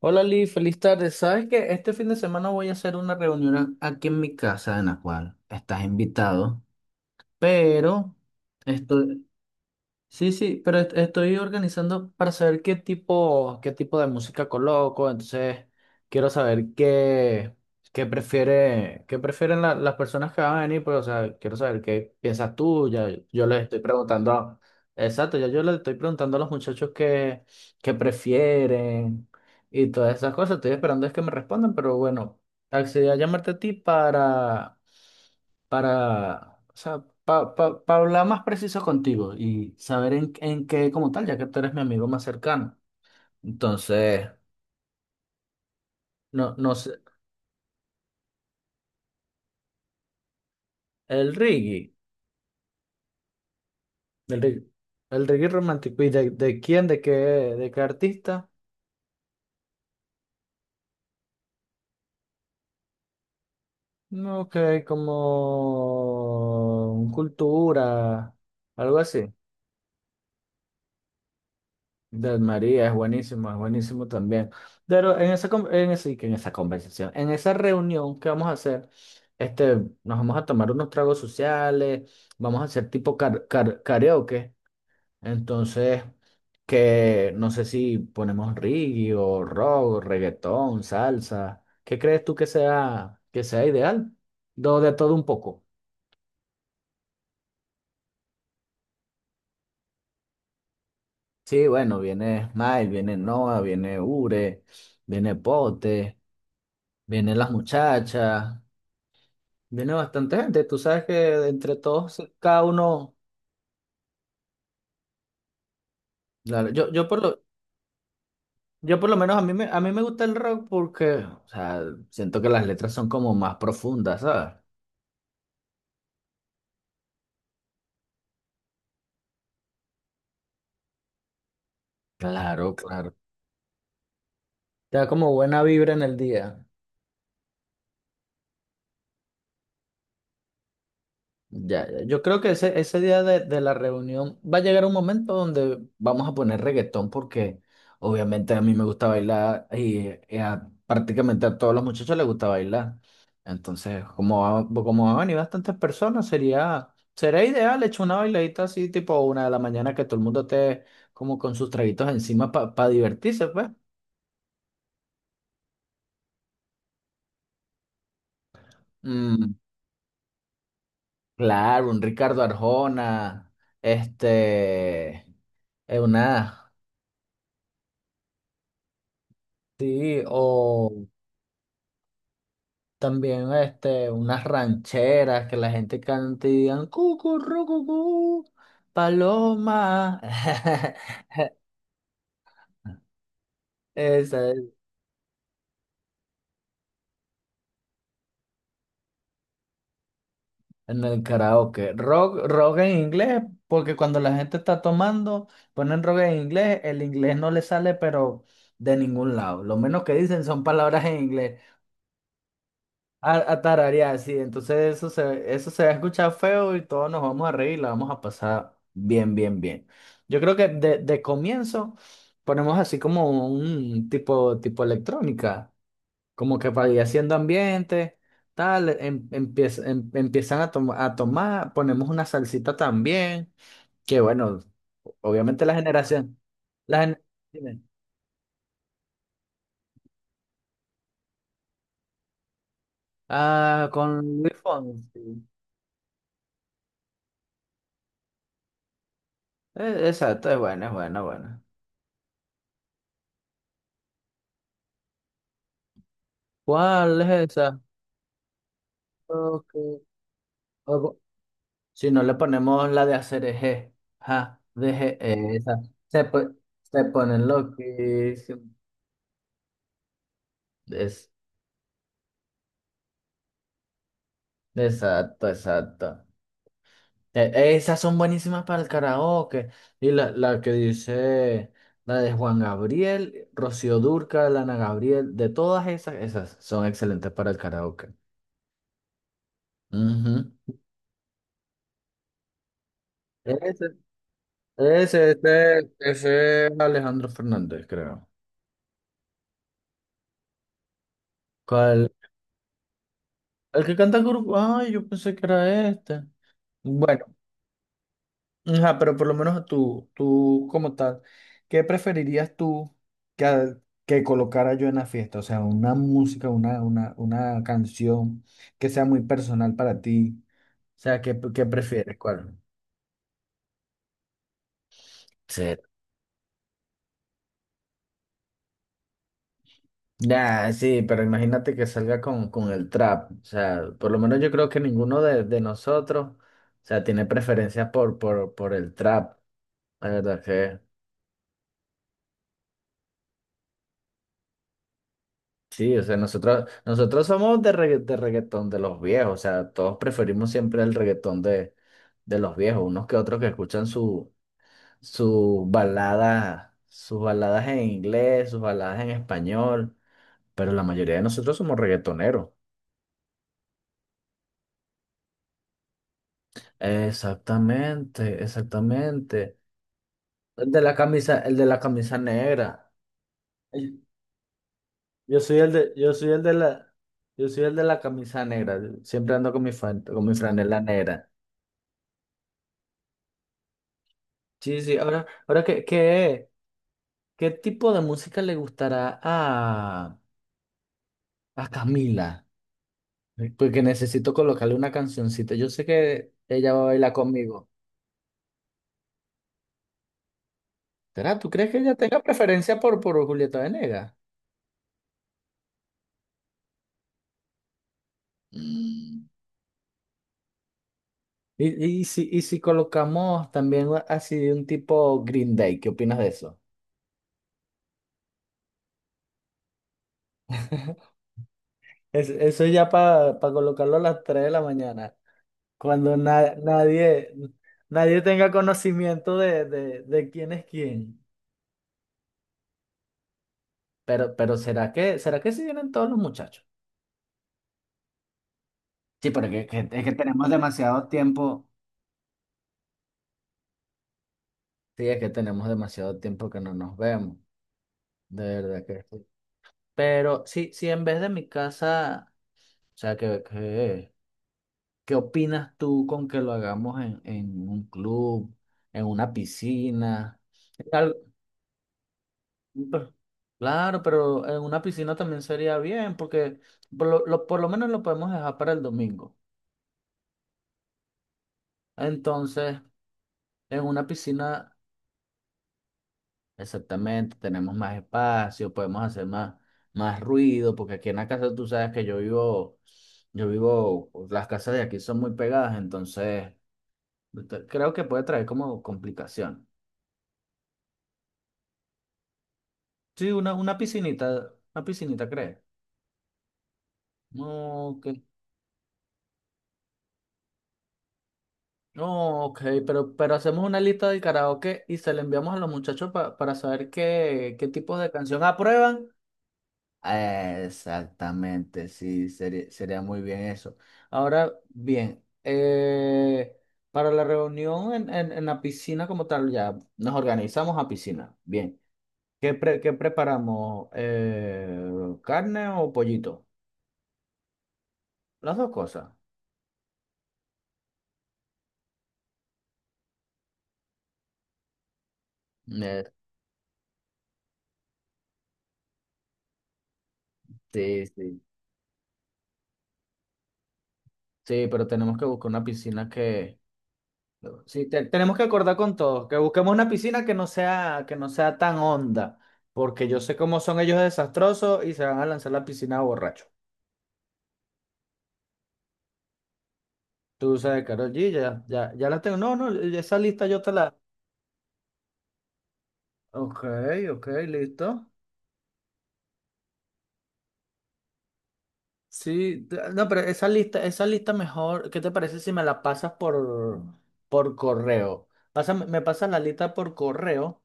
Hola Lee, feliz tarde. Sabes que este fin de semana voy a hacer una reunión aquí en mi casa en la cual estás invitado, pero esto, sí, sí, pero estoy organizando para saber qué tipo de música coloco, entonces quiero saber qué prefiere, qué prefieren las personas que van a venir, pues, o sea, quiero saber qué piensas tú, ya yo les estoy preguntando, exacto, ya yo les estoy preguntando a los muchachos qué prefieren y todas esas cosas, estoy esperando es que me respondan, pero bueno, accedí a llamarte a ti para, o sea, para hablar más preciso contigo y saber en qué como tal, ya que tú eres mi amigo más cercano. Entonces, no, no sé, el reggae, el reggae, el reggae romántico, ¿y de quién, de qué artista? No, que como cultura, algo así. Del María, es buenísimo también. Pero en esa conversación, en esa reunión que vamos a hacer, este, nos vamos a tomar unos tragos sociales, vamos a hacer tipo karaoke. Entonces, que no sé si ponemos reggae o rock, o reggaetón, salsa. ¿Qué crees tú que sea ideal? Do de todo un poco. Sí, bueno, viene Smile, viene Noah, viene Ure, viene Pote, vienen las muchachas. Viene bastante gente, tú sabes que entre todos, cada uno, claro, yo por lo menos a mí me gusta el rock porque, o sea, siento que las letras son como más profundas, ¿sabes? Claro, claro. Te da como buena vibra en el día. Ya, ya. Yo creo que ese día de la reunión va a llegar un momento donde vamos a poner reggaetón porque obviamente a mí me gusta bailar y prácticamente a todos los muchachos les gusta bailar. Entonces, como van a venir bastantes personas, sería, sería ideal echar una bailadita así tipo una de la mañana que todo el mundo esté como con sus traguitos encima para divertirse, pues. Mm, claro, un Ricardo Arjona, este, es una... Sí, o... También este, unas rancheras que la gente canta y digan cucurrucucú, paloma. Esa es en el karaoke. Rock, rock en inglés, porque cuando la gente está tomando, ponen rock en inglés, el inglés no le sale, pero de ningún lado. Lo menos que dicen son palabras en inglés. A tararear, sí. Entonces eso se va a escuchar feo y todos nos vamos a reír y la vamos a pasar bien, bien, bien. Yo creo que de comienzo ponemos así como un tipo, tipo electrónica, como que para ir haciendo ambiente, tal, empiezan a tomar, ponemos una salsita también, que bueno, obviamente la generación, la gen- dime. Ah, con Luis Fonsi. Exacto, es buena, buena. ¿Cuál es esa? Ok. O si no le ponemos la de hacer eje, ja, deje, esa. Se, po- se ponen loquísimos. Es, exacto, exacto. Esas son buenísimas para el karaoke. Y la que dice, la de Juan Gabriel, Rocío Dúrcal, Ana Gabriel, de todas esas, esas son excelentes para el karaoke. Ujú. Ese, ese es Alejandro Fernández, creo. ¿Cuál? El que canta grupo. Ay, yo pensé que era este. Bueno, ajá, pero por lo menos a tú como tal, ¿qué preferirías tú que, a- que colocara yo en la fiesta? O sea, una música, una canción que sea muy personal para ti. O sea, ¿qué, qué prefieres? ¿Cuál? Sí. Nah, sí, pero imagínate que salga con el trap. O sea, por lo menos yo creo que ninguno de nosotros, o sea, tiene preferencia por el trap. La verdad que. Sí, o sea, nosotros somos de reggaetón de los viejos, o sea, todos preferimos siempre el reggaetón de los viejos, unos que otros que escuchan sus baladas en inglés, sus baladas en español, pero la mayoría de nosotros somos reggaetoneros. Exactamente, exactamente. El de la camisa negra. Ay, Yo soy el de, yo soy el de la, yo soy el de la camisa negra. Siempre ando con con mi franela negra. Sí, sí, ahora qué tipo de música le gustará a Camila? Porque necesito colocarle una cancioncita. Yo sé que ella va a bailar conmigo. ¿Será? ¿Tú crees que ella tenga preferencia por Julieta Venegas? Mm. Y si colocamos también así de un tipo Green Day, ¿qué opinas de eso? Eso ya para colocarlo a las 3 de la mañana, cuando nadie, nadie tenga conocimiento de quién es quién. Pero será que si vienen todos los muchachos? Sí, porque es que tenemos demasiado tiempo. Sí, es que tenemos demasiado tiempo que no nos vemos, de verdad que sí. Pero sí, sí, en vez de mi casa, o sea, qué opinas tú con que lo hagamos en un club, en una piscina? En al- pe- claro, pero en una piscina también sería bien, porque por lo menos lo podemos dejar para el domingo. Entonces, en una piscina exactamente, tenemos más espacio, podemos hacer más, más ruido, porque aquí en la casa tú sabes que yo vivo, las casas de aquí son muy pegadas, entonces creo que puede traer como complicación. Sí, una piscinita, ¿crees? No, ok, no, ok, pero hacemos una lista de karaoke y se la enviamos a los muchachos para saber qué tipo de canción aprueban. Ah, exactamente, sí, sería, sería muy bien eso. Ahora bien, para la reunión en la piscina como tal, ya nos organizamos a piscina. Bien, qué preparamos? ¿Carne o pollito? Las dos cosas. Eh, sí, sí. Sí, pero tenemos que buscar una piscina que sí, tenemos que acordar con todos, que busquemos una piscina que no sea tan honda, porque yo sé cómo son ellos de desastrosos y se van a lanzar la piscina borracho. Tú sabes, Karol G, ya, ya, ya la tengo. No, no, esa lista yo te la. Ok, ok, listo. Sí, no, pero esa lista mejor, ¿qué te parece si me la pasas por correo? Me pasas la lista por correo.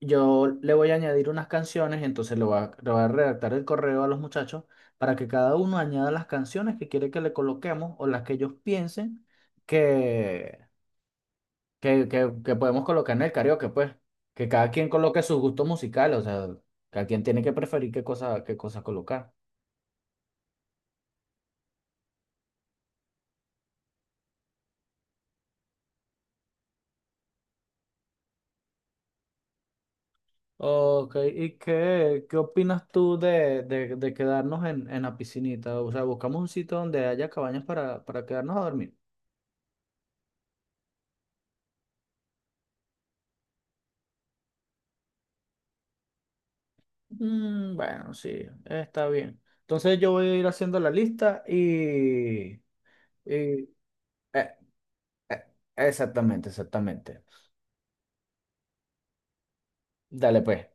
Yo le voy a añadir unas canciones, entonces le voy a redactar el correo a los muchachos para que cada uno añada las canciones que quiere que le coloquemos o las que ellos piensen que, que podemos colocar en el karaoke, pues. Que cada quien coloque sus gustos musicales, o sea, cada quien tiene que preferir qué cosa colocar. Ok, ¿y qué opinas tú de quedarnos en la piscinita? O sea, buscamos un sitio donde haya cabañas para quedarnos a dormir. Mm, bueno, sí, está bien. Entonces yo voy a ir haciendo la lista y... y- eh, eh, exactamente, exactamente. Dale pues.